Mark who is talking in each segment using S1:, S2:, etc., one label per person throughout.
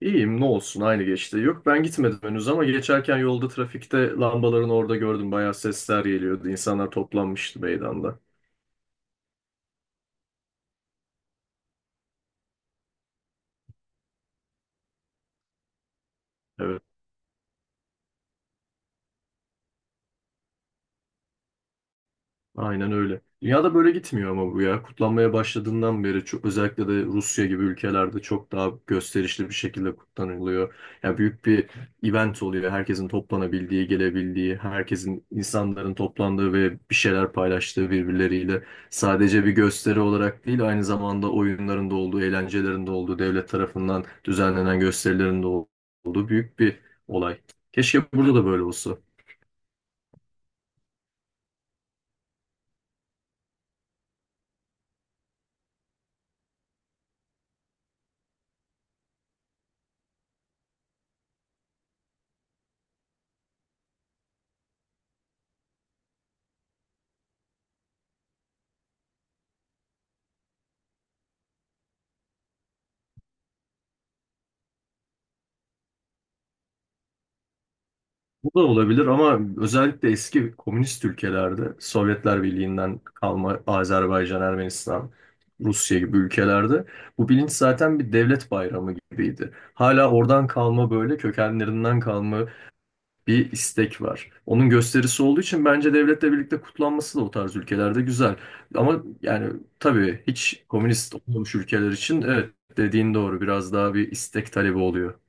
S1: İyiyim ne olsun aynı geçti. Yok ben gitmedim henüz ama geçerken yolda trafikte lambaların orada gördüm. Bayağı sesler geliyordu. İnsanlar toplanmıştı meydanda. Evet. Aynen öyle. Dünyada böyle gitmiyor ama bu ya. Kutlanmaya başladığından beri çok, özellikle de Rusya gibi ülkelerde çok daha gösterişli bir şekilde kutlanılıyor. Ya büyük bir event oluyor. Herkesin toplanabildiği, gelebildiği, herkesin insanların toplandığı ve bir şeyler paylaştığı birbirleriyle. Sadece bir gösteri olarak değil, aynı zamanda oyunların da olduğu, eğlencelerin de olduğu, devlet tarafından düzenlenen gösterilerin de olduğu büyük bir olay. Keşke burada da böyle olsa. Bu da olabilir ama özellikle eski komünist ülkelerde, Sovyetler Birliği'nden kalma Azerbaycan, Ermenistan, Rusya gibi ülkelerde bu bilinç zaten bir devlet bayramı gibiydi. Hala oradan kalma böyle kökenlerinden kalma bir istek var. Onun gösterisi olduğu için bence devletle birlikte kutlanması da o tarz ülkelerde güzel. Ama yani tabii hiç komünist olmamış ülkeler için evet dediğin doğru biraz daha bir istek talebi oluyor.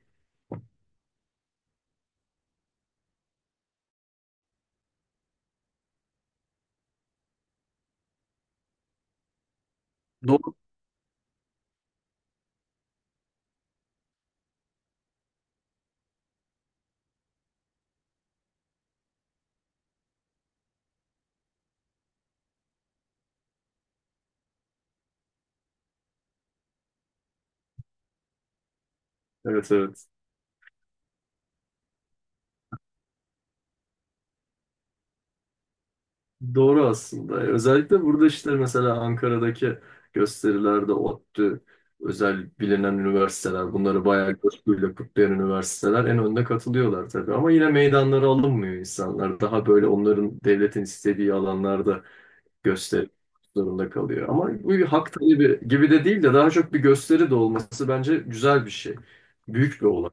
S1: Doğru. Evet, evet. Doğru aslında. Özellikle burada işte mesela Ankara'daki gösterilerde ODTÜ, özel bilinen üniversiteler, bunları bayağı coşkuyla kutlayan üniversiteler en önde katılıyorlar tabii. Ama yine meydanlara alınmıyor insanlar. Daha böyle onların devletin istediği alanlarda gösteri zorunda kalıyor. Ama bu bir hak talebi gibi de değil de daha çok bir gösteri de olması bence güzel bir şey. Büyük bir olay.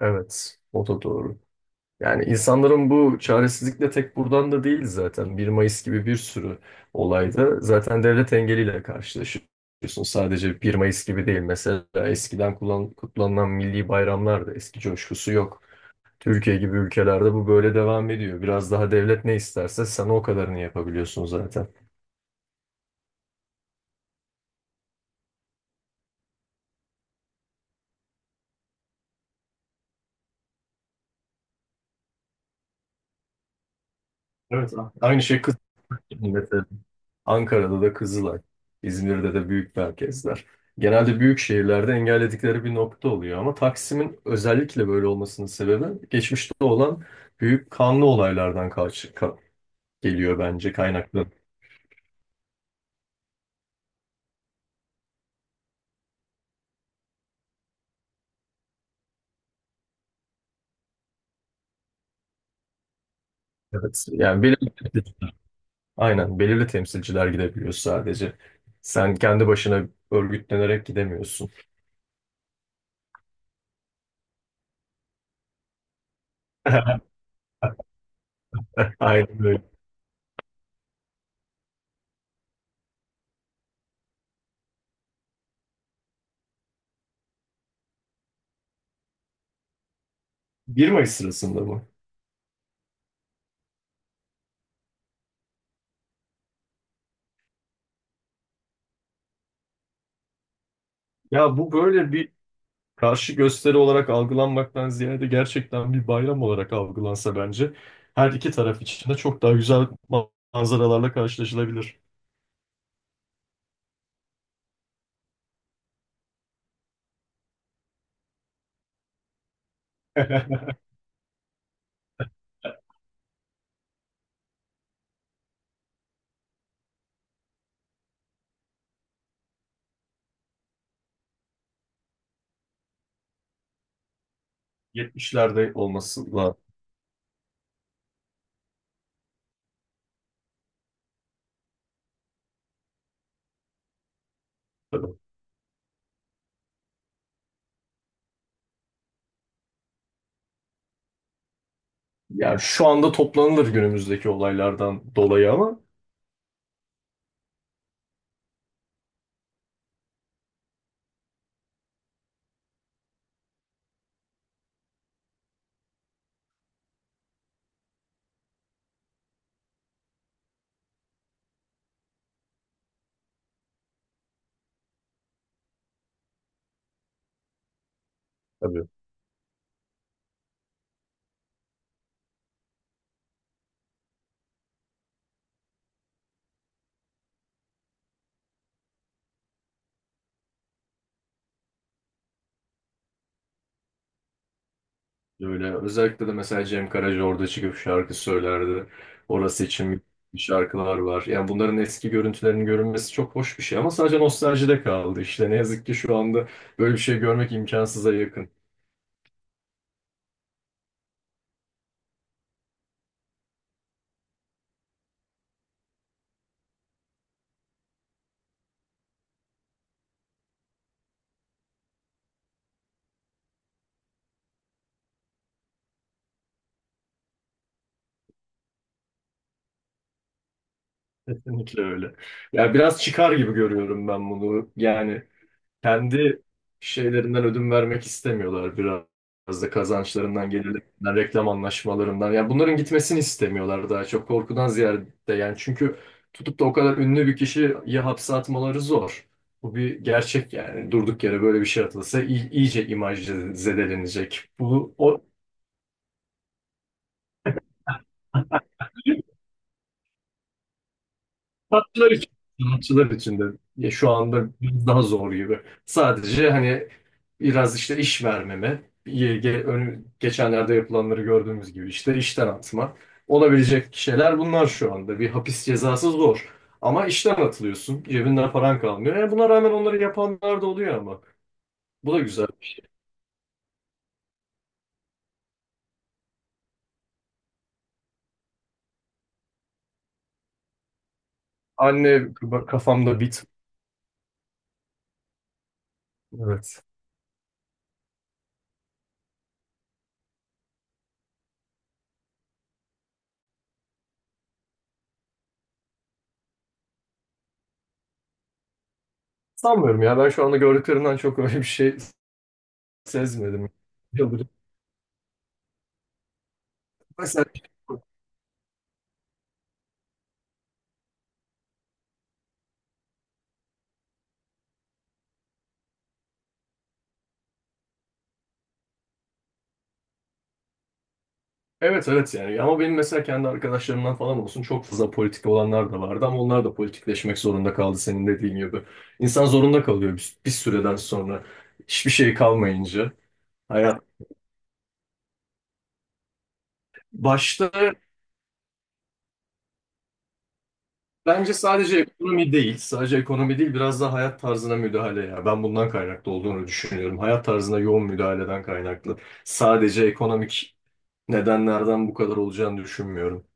S1: Evet, o da doğru. Yani insanların bu çaresizlikle tek buradan da değil zaten. 1 Mayıs gibi bir sürü olayda zaten devlet engeliyle karşılaşıyorsun. Sadece 1 Mayıs gibi değil. Mesela eskiden kutlanılan milli bayramlar da eski coşkusu yok. Türkiye gibi ülkelerde bu böyle devam ediyor. Biraz daha devlet ne isterse sen o kadarını yapabiliyorsun zaten. Evet. Aynı şey kız Ankara'da da Kızılay, İzmir'de de büyük merkezler. Genelde büyük şehirlerde engelledikleri bir nokta oluyor ama Taksim'in özellikle böyle olmasının sebebi geçmişte olan büyük kanlı olaylardan geliyor bence kaynaklı. Evet. Yani aynen belirli temsilciler gidebiliyor sadece. Sen kendi başına örgütlenerek gidemiyorsun. Aynen öyle. 1 Mayıs sırasında bu. Ya bu böyle bir karşı gösteri olarak algılanmaktan ziyade gerçekten bir bayram olarak algılansa bence her iki taraf için de çok daha güzel manzaralarla karşılaşılabilir. 70'lerde olması lazım. Tabii. Yani şu anda toplanılır günümüzdeki olaylardan dolayı ama. Tabii. Öyle. Özellikle de mesela Cem Karaca orada çıkıp şarkı söylerdi. Orası için şarkılar var. Yani bunların eski görüntülerinin görünmesi çok hoş bir şey ama sadece nostaljide kaldı. İşte ne yazık ki şu anda böyle bir şey görmek imkansıza yakın. Kesinlikle öyle. Ya biraz çıkar gibi görüyorum ben bunu. Yani kendi şeylerinden ödün vermek istemiyorlar biraz. Biraz da kazançlarından, gelirlerinden, reklam anlaşmalarından. Yani bunların gitmesini istemiyorlar daha çok korkudan ziyade. Yani çünkü tutup da o kadar ünlü bir kişiyi hapse atmaları zor. Bu bir gerçek yani. Durduk yere böyle bir şey atılsa iyice imaj zedelenecek. Bu o Sanatçılar için, sanatçılar için de ya şu anda biraz daha zor gibi. Sadece hani biraz işte iş vermeme, geçenlerde yapılanları gördüğümüz gibi işte işten atma. Olabilecek şeyler bunlar şu anda. Bir hapis cezası zor. Ama işten atılıyorsun. Cebinden paran kalmıyor. E, buna rağmen onları yapanlar da oluyor ama. Bu da güzel. Anne kafamda bit. Evet. Sanmıyorum ya. Ben şu anda gördüklerimden çok öyle bir şey sezmedim. Yıldırım. Mesela Evet, evet, yani ama benim mesela kendi arkadaşlarımdan falan olsun çok fazla politik olanlar da vardı ama onlar da politikleşmek zorunda kaldı senin dediğin gibi. İnsan zorunda kalıyor bir süreden sonra hiçbir şey kalmayınca. Hayat başta bence sadece ekonomi değil biraz da hayat tarzına müdahale ya ben bundan kaynaklı olduğunu düşünüyorum. Hayat tarzına yoğun müdahaleden kaynaklı sadece ekonomik nedenlerden bu kadar olacağını düşünmüyorum.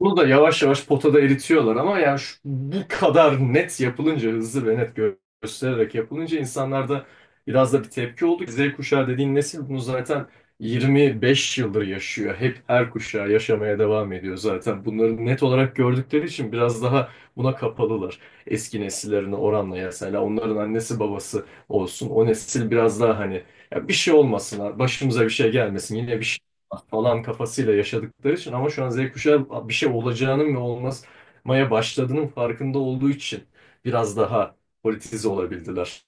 S1: Bunu da yavaş yavaş potada eritiyorlar ama yani bu kadar net yapılınca, hızlı ve net göstererek yapılınca insanlarda biraz da bir tepki oldu. Z kuşağı dediğin nesil bunu zaten 25 yıldır yaşıyor. Hep her kuşağı yaşamaya devam ediyor zaten. Bunları net olarak gördükleri için biraz daha buna kapalılar. Eski nesillerine oranla mesela onların annesi babası olsun. O nesil biraz daha hani ya bir şey olmasın, başımıza bir şey gelmesin. Yine bir falan kafasıyla yaşadıkları için ama şu an Z kuşağı bir şey olacağının ve olmaya başladığının farkında olduğu için biraz daha politize olabildiler.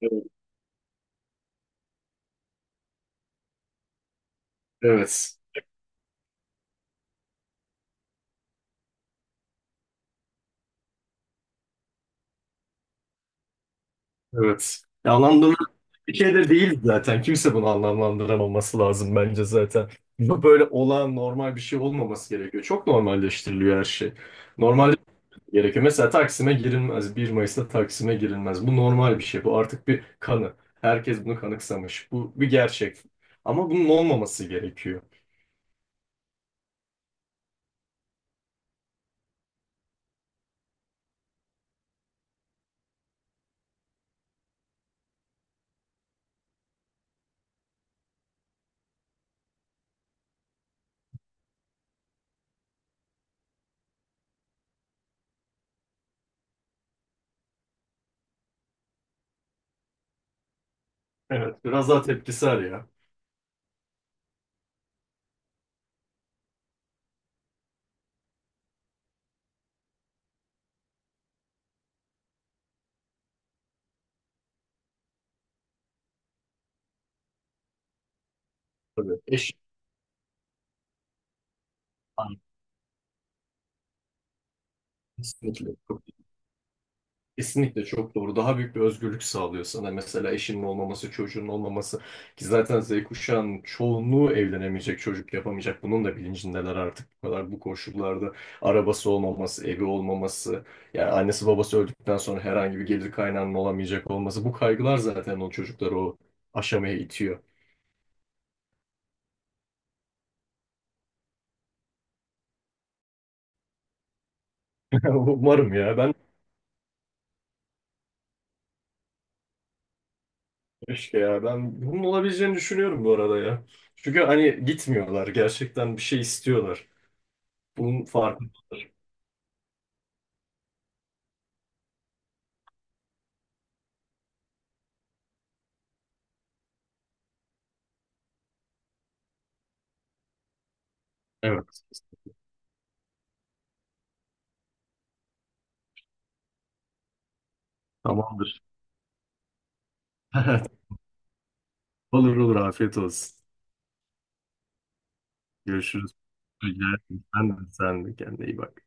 S1: Evet. Evet. Evet. Ya anlamlı bir şey de değil zaten. Kimse bunu anlamlandıramaması lazım bence zaten. Bu böyle olan normal bir şey olmaması gerekiyor. Çok normalleştiriliyor her şey. Normal gerekiyor. Mesela Taksim'e girilmez. 1 Mayıs'ta Taksim'e girilmez. Bu normal bir şey. Bu artık bir kanı. Herkes bunu kanıksamış. Bu bir gerçek. Ama bunun olmaması gerekiyor. Evet. Biraz daha tepkisel ya. Tabii. Eş. Aynen. Kesinlikle. Kesinlikle çok doğru. Daha büyük bir özgürlük sağlıyor sana. Mesela eşinin olmaması, çocuğun olmaması. Ki zaten Z kuşağının çoğunluğu evlenemeyecek, çocuk yapamayacak. Bunun da bilincindeler artık bu kadar bu koşullarda. Arabası olmaması, evi olmaması. Yani annesi babası öldükten sonra herhangi bir gelir kaynağının olamayacak olması. Bu kaygılar zaten o çocukları o aşamaya itiyor. Umarım ya. Ben keşke ya. Ben bunun olabileceğini düşünüyorum bu arada ya. Çünkü hani gitmiyorlar. Gerçekten bir şey istiyorlar. Bunun farkı. Evet. Tamamdır. Olur, olur, afiyet olsun. Görüşürüz. Rica ederim. Sen de, sen de kendine iyi bak.